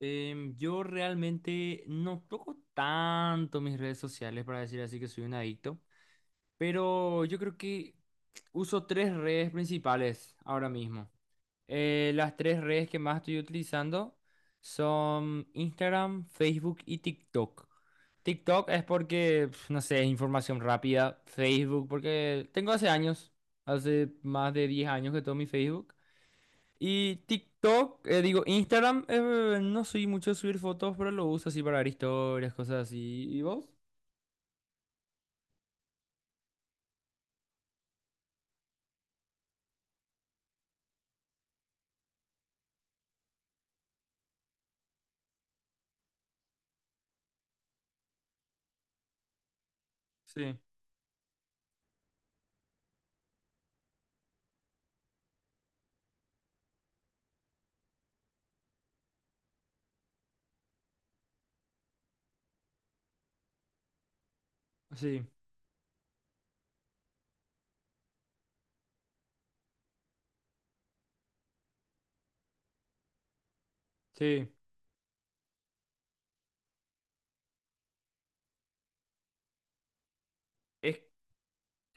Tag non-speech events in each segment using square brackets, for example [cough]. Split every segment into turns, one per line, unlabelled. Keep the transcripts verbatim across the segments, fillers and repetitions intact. Em, yo realmente no toco tanto mis redes sociales para decir así que soy un adicto, pero yo creo que uso tres redes principales ahora mismo. Eh, las tres redes que más estoy utilizando son Instagram, Facebook y TikTok. TikTok es porque, pf, no sé, es información rápida. Facebook, porque tengo hace años, hace más de diez años que tomo mi Facebook. Y TikTok, eh, digo, Instagram, eh, no soy mucho de subir fotos, pero lo uso así para ver historias, cosas así. ¿Y vos? Sí, sí, sí. Es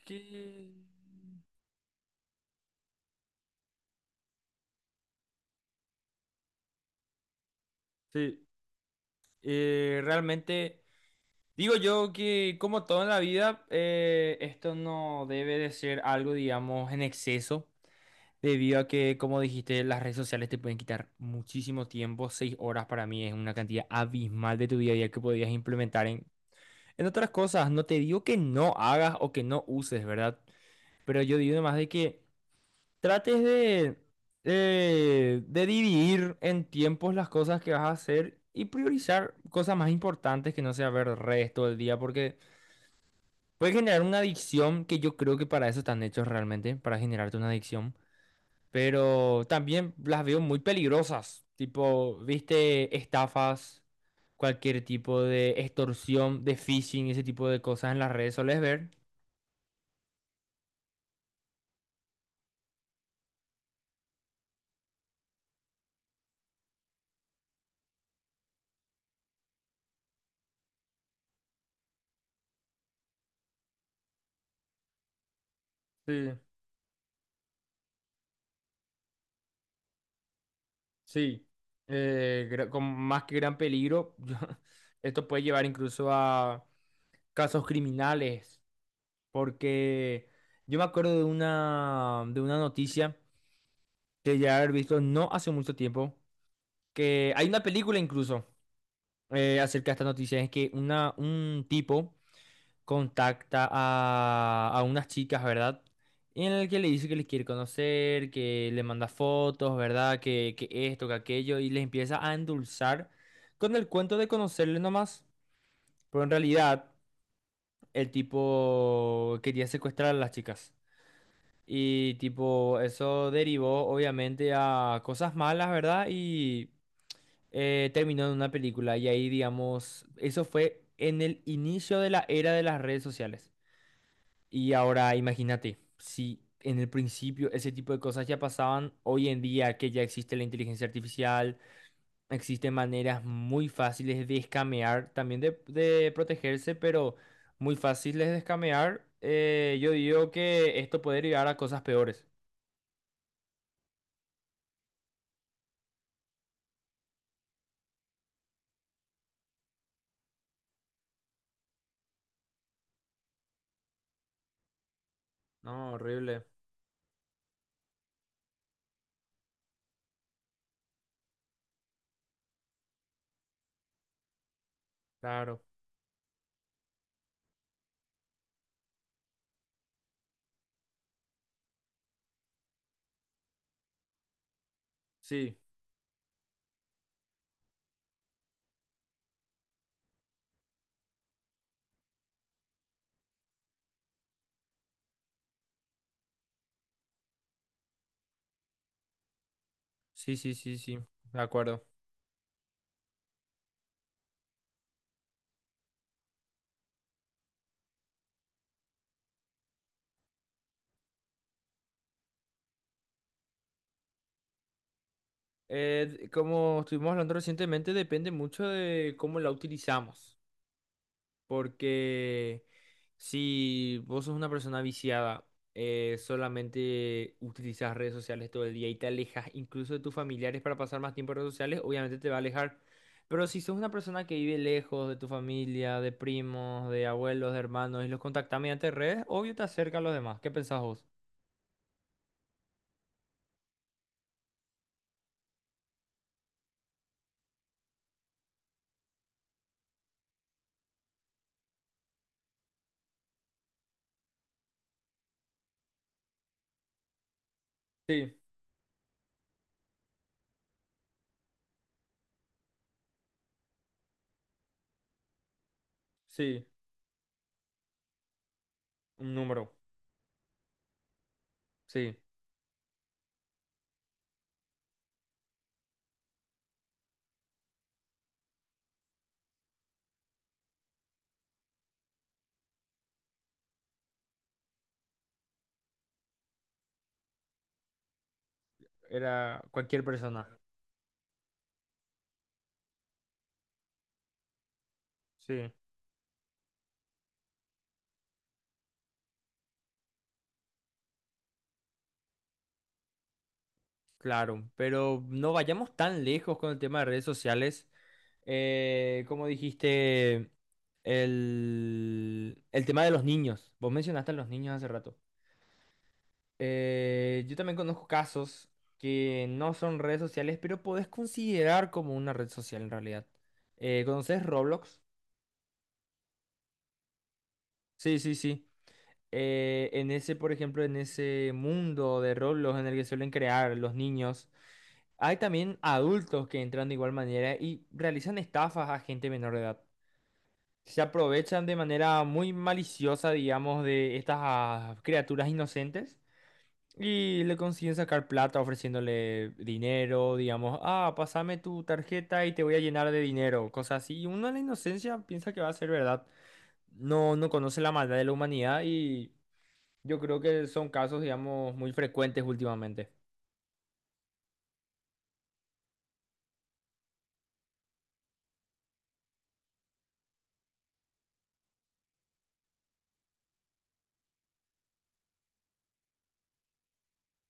que... Sí, eh, realmente digo yo que como todo en la vida, eh, esto no debe de ser algo, digamos, en exceso, debido a que, como dijiste, las redes sociales te pueden quitar muchísimo tiempo. Seis horas para mí es una cantidad abismal de tu día a día que podrías implementar en En otras cosas, no te digo que no hagas o que no uses, ¿verdad? Pero yo digo más de que trates de, eh, de dividir en tiempos las cosas que vas a hacer y priorizar cosas más importantes que no sea ver redes todo el día, porque puede generar una adicción que yo creo que para eso están hechos realmente, para generarte una adicción. Pero también las veo muy peligrosas, tipo, viste, estafas, cualquier tipo de extorsión, de phishing, ese tipo de cosas en las redes, ¿solés ver? Sí, sí. Eh, gra- con más que gran peligro, [laughs] esto puede llevar incluso a casos criminales, porque yo me acuerdo de una, de una noticia que ya he visto no hace mucho tiempo, que hay una película incluso eh, acerca de esta noticia, es que una, un tipo contacta a, a unas chicas, ¿verdad? En el que le dice que les quiere conocer, que le manda fotos, ¿verdad? Que, que esto, que aquello, y les empieza a endulzar con el cuento de conocerle nomás. Pero en realidad, el tipo quería secuestrar a las chicas. Y tipo, eso derivó obviamente a cosas malas, ¿verdad? Y eh, terminó en una película. Y ahí, digamos, eso fue en el inicio de la era de las redes sociales. Y ahora imagínate, si en el principio ese tipo de cosas ya pasaban, hoy en día que ya existe la inteligencia artificial, existen maneras muy fáciles de escamear, también de, de protegerse, pero muy fáciles de escamear, eh, yo digo que esto puede llegar a cosas peores. No, horrible, claro. Sí, sí, sí, sí, sí, de acuerdo. Eh, d- como estuvimos hablando recientemente, depende mucho de cómo la utilizamos. Porque si vos sos una persona viciada, eh, solamente utilizas redes sociales todo el día y te alejas incluso de tus familiares para pasar más tiempo en redes sociales, obviamente te va a alejar. Pero si sos una persona que vive lejos de tu familia, de primos, de abuelos, de hermanos y los contactas mediante redes, obvio te acerca a los demás. ¿Qué pensás vos? Sí, sí, un número. Sí, era cualquier persona. Sí. Claro, pero no vayamos tan lejos con el tema de redes sociales. Eh, como dijiste, el, el tema de los niños. Vos mencionaste a los niños hace rato. Eh, yo también conozco casos que no son redes sociales, pero podés considerar como una red social en realidad. Eh, ¿conoces Roblox? Sí, sí, sí. Eh, en ese, por ejemplo, en ese mundo de Roblox en el que suelen crear los niños, hay también adultos que entran de igual manera y realizan estafas a gente menor de edad. Se aprovechan de manera muy maliciosa, digamos, de estas ah, criaturas inocentes y le consiguen sacar plata ofreciéndole dinero, digamos, ah, pásame tu tarjeta y te voy a llenar de dinero, cosas así. Y uno en la inocencia piensa que va a ser verdad. No, no conoce la maldad de la humanidad y yo creo que son casos, digamos, muy frecuentes últimamente.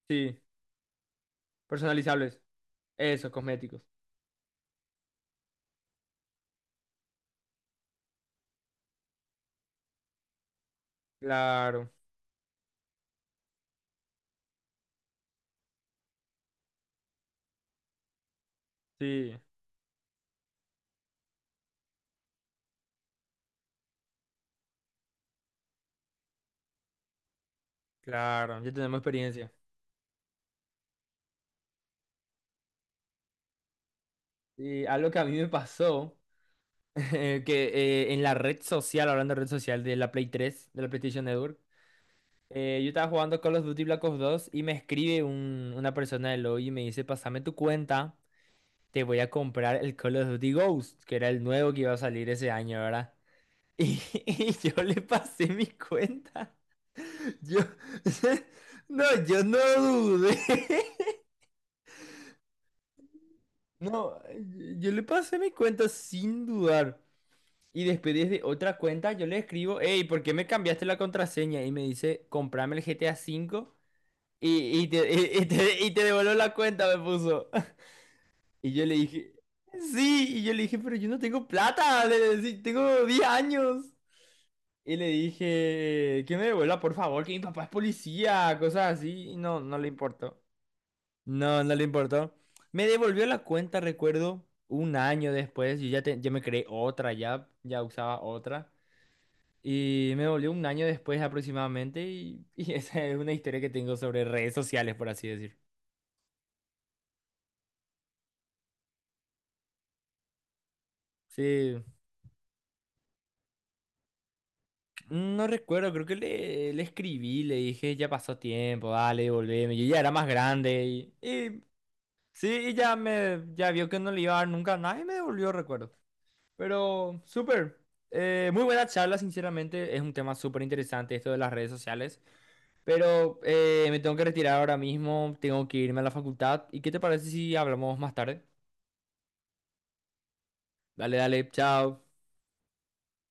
Sí, personalizables. Eso, cosméticos. Claro, sí, claro, ya tenemos experiencia. Y algo que a mí me pasó, [laughs] eh, que eh, en la red social, hablando de red social de la Play tres de la PlayStation Network, eh, yo estaba jugando Call of Duty Black Ops dos y me escribe un- una persona del lobby y me dice, pasame tu cuenta, te voy a comprar el Call of Duty Ghost, que era el nuevo que iba a salir ese año, ¿verdad? [laughs] Y, y yo le pasé mi cuenta. Yo, [laughs] no, yo no dudé. [laughs] No, yo le pasé mi cuenta sin dudar. Y después desde otra cuenta yo le escribo, hey, ¿por qué me cambiaste la contraseña? Y me dice, comprame el g t a cinco y, y te, [laughs] y- y te, y te devuelvo la cuenta, me puso. [laughs] Y yo le dije, sí, y yo le dije, pero yo no tengo plata, le decí, tengo diez años. Y le dije, que me devuelva, por favor, que mi papá es policía, cosas así. Y no, no le importó. No, no le importó. Me devolvió la cuenta, recuerdo, un año después. Yo ya, te- ya me creé otra, ya, ya usaba otra. Y me devolvió un año después aproximadamente. Y, y [laughs] esa es una historia que tengo sobre redes sociales, por así decir. Sí, no recuerdo, creo que le, le escribí, le dije, ya pasó tiempo, dale, devolveme. Yo ya era más grande y, y sí, y ya me ya vio que no le iba a dar nunca nada y me devolvió, recuerdo. Pero, súper. Eh, muy buena charla, sinceramente. Es un tema súper interesante esto de las redes sociales. Pero eh, me tengo que retirar ahora mismo. Tengo que irme a la facultad. ¿Y qué te parece si hablamos más tarde? Dale, dale. Chao.